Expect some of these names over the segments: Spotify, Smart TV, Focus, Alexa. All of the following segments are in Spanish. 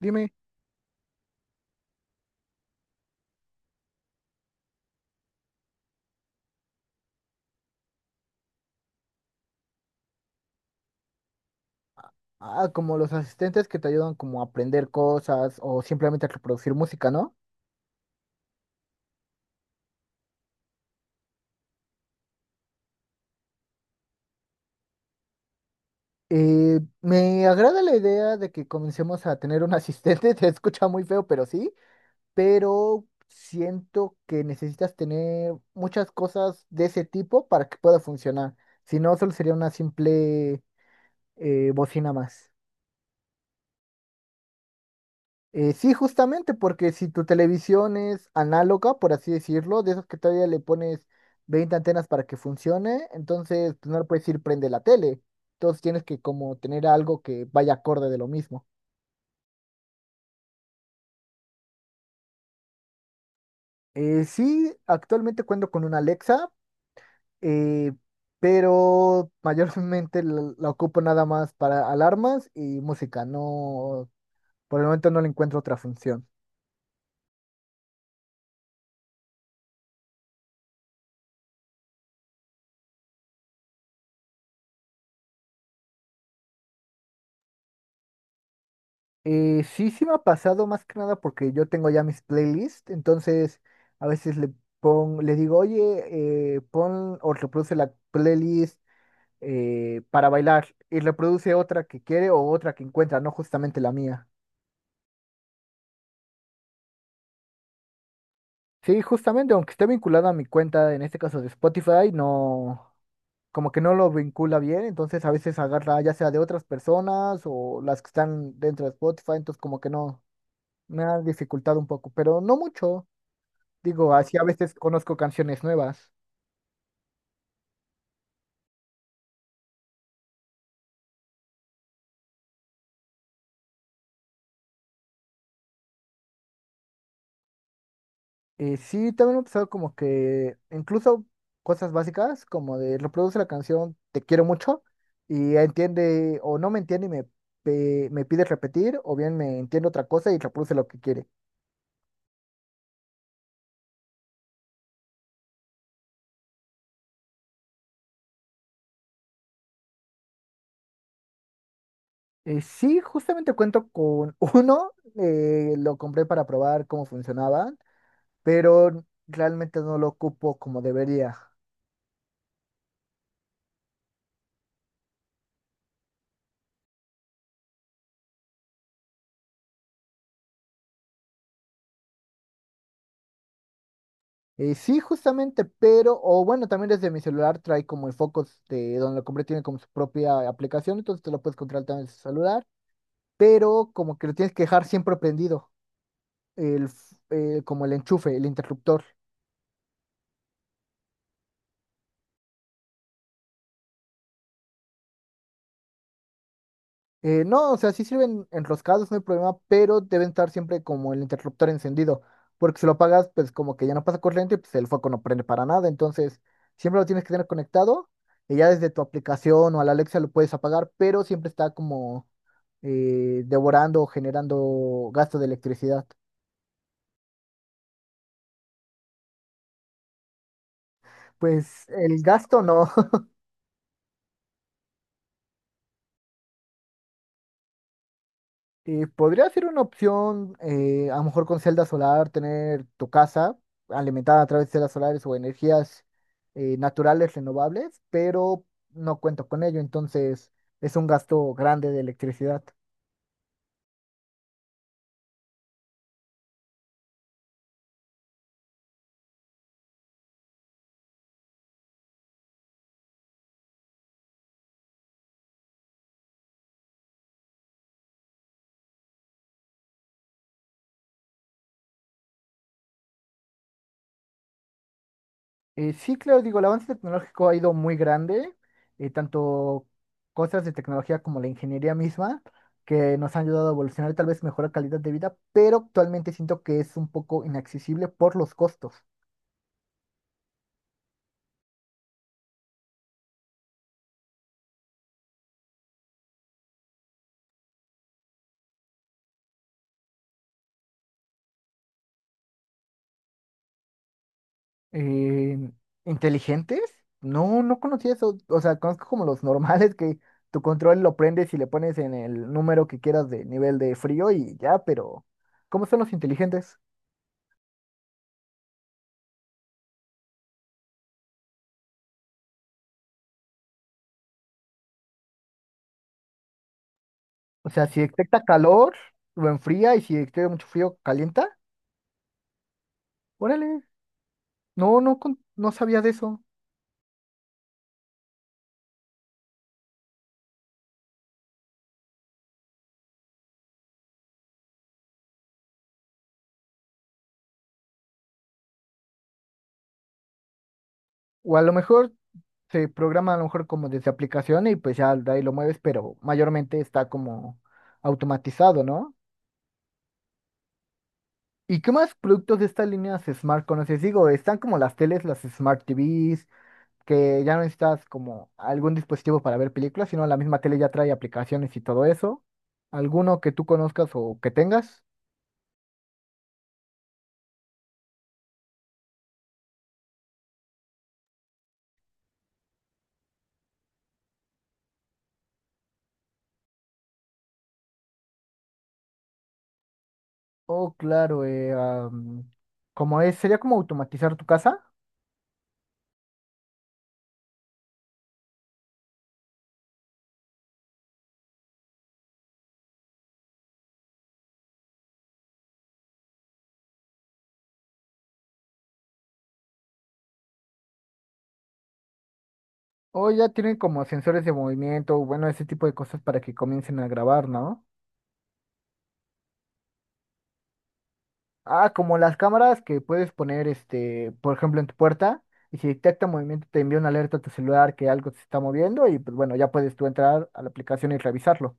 Dime, como los asistentes que te ayudan como a aprender cosas o simplemente a reproducir música, ¿no? Me agrada la idea de que comencemos a tener un asistente, te escucha muy feo, pero sí, pero siento que necesitas tener muchas cosas de ese tipo para que pueda funcionar. Si no, solo sería una simple bocina más. Sí, justamente, porque si tu televisión es análoga, por así decirlo, de esos que todavía le pones 20 antenas para que funcione, entonces pues, no le puedes decir prende la tele. Entonces tienes que como tener algo que vaya acorde de lo mismo. Sí, actualmente cuento con una Alexa, eh, pero mayormente la ocupo nada más para alarmas y música. No, por el momento no le encuentro otra función. Sí, sí me ha pasado más que nada porque yo tengo ya mis playlists, entonces a veces le le digo, oye, pon o reproduce la playlist para bailar y reproduce otra que quiere o otra que encuentra, no justamente la mía. Sí, justamente, aunque esté vinculada a mi cuenta, en este caso de Spotify, no, como que no lo vincula bien, entonces a veces agarra ya sea de otras personas o las que están dentro de Spotify, entonces como que no, me ha dificultado un poco, pero no mucho. Digo, así a veces conozco canciones nuevas. Sí, también he empezado como que incluso cosas básicas, como de reproduce la canción Te quiero mucho y entiende o no me entiende y me pide repetir o bien me entiende otra cosa y reproduce lo que quiere. Sí, justamente cuento con uno, lo compré para probar cómo funcionaban, pero realmente no lo ocupo como debería. Sí, justamente, pero, o bueno, también desde mi celular trae como el Focus de donde lo compré, tiene como su propia aplicación, entonces te lo puedes controlar también desde el celular, pero como que lo tienes que dejar siempre prendido, el, f- como el enchufe, el interruptor. No, o sea, sí sirven enroscados, no hay problema, pero deben estar siempre como el interruptor encendido, porque si lo apagas, pues como que ya no pasa corriente, pues el foco no prende para nada, entonces siempre lo tienes que tener conectado y ya desde tu aplicación o a la Alexa lo puedes apagar, pero siempre está como devorando o generando gasto de electricidad. Pues el gasto no. Podría ser una opción, a lo mejor con celda solar, tener tu casa alimentada a través de celdas solares o energías naturales renovables, pero no cuento con ello, entonces es un gasto grande de electricidad. Sí, claro, digo, el avance tecnológico ha ido muy grande, tanto cosas de tecnología como la ingeniería misma, que nos han ayudado a evolucionar, tal vez mejorar calidad de vida, pero actualmente siento que es un poco inaccesible por los costos. Eh, ¿Inteligentes? No, no conocía eso. O sea, conozco como los normales que tu control lo prendes y le pones en el número que quieras de nivel de frío y ya, pero ¿cómo son los inteligentes? O sea, si detecta calor, lo enfría, y si detecta mucho frío, calienta. Órale, no sabía de eso. O a lo mejor se programa a lo mejor como desde aplicación y pues ya de ahí lo mueves, pero mayormente está como automatizado, ¿no? ¿Y qué más productos de estas líneas Smart conoces? Digo, están como las teles, las Smart TVs, que ya no necesitas como algún dispositivo para ver películas, sino la misma tele ya trae aplicaciones y todo eso. ¿Alguno que tú conozcas o que tengas? Oh, claro, como es, sería como automatizar tu casa. O ya tienen como sensores de movimiento, bueno, ese tipo de cosas para que comiencen a grabar, ¿no? Ah, como las cámaras que puedes poner, este, por ejemplo, en tu puerta, y si detecta movimiento te envía una alerta a tu celular que algo se está moviendo, y pues bueno, ya puedes tú entrar a la aplicación y revisarlo.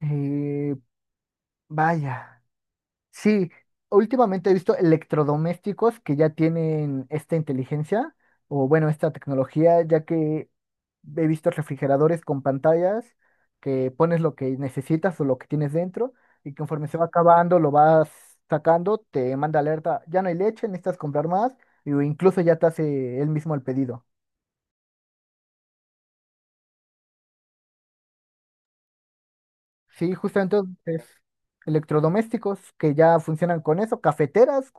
Eh, Vaya. Sí, últimamente he visto electrodomésticos que ya tienen esta inteligencia o bueno, esta tecnología, ya que he visto refrigeradores con pantallas que pones lo que necesitas o lo que tienes dentro y conforme se va acabando lo vas sacando, te manda alerta, ya no hay leche, necesitas comprar más o incluso ya te hace él mismo el pedido. Sí, justamente entonces, electrodomésticos que ya funcionan con eso, cafeteras.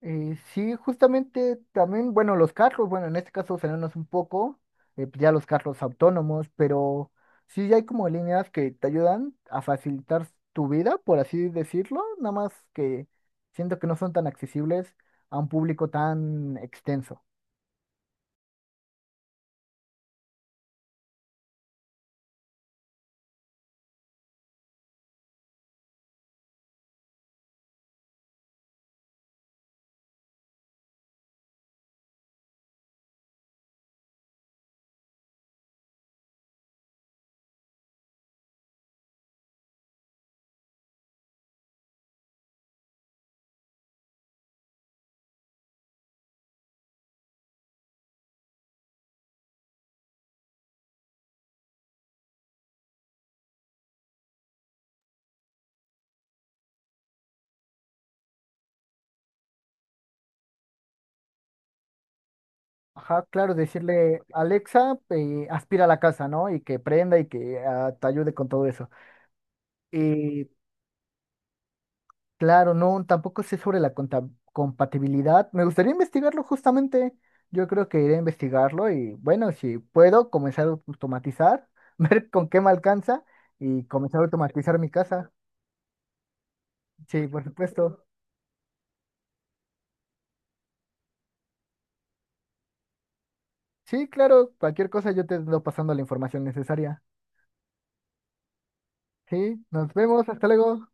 Sí, justamente también, bueno, los carros, bueno, en este caso frenarnos un poco, pues ya los carros autónomos, pero sí ya hay como líneas que te ayudan a facilitar tu vida, por así decirlo, nada más que siento que no son tan accesibles a un público tan extenso. Ajá, claro, decirle, Alexa, aspira a la casa, ¿no? Y que prenda y que te ayude con todo eso. Claro, no, tampoco sé sobre la compatibilidad. Me gustaría investigarlo justamente. Yo creo que iré a investigarlo y bueno, si puedo comenzar a automatizar, ver con qué me alcanza y comenzar a automatizar mi casa. Sí, por supuesto. Sí, claro, cualquier cosa yo te ando pasando la información necesaria. Sí, nos vemos, hasta luego.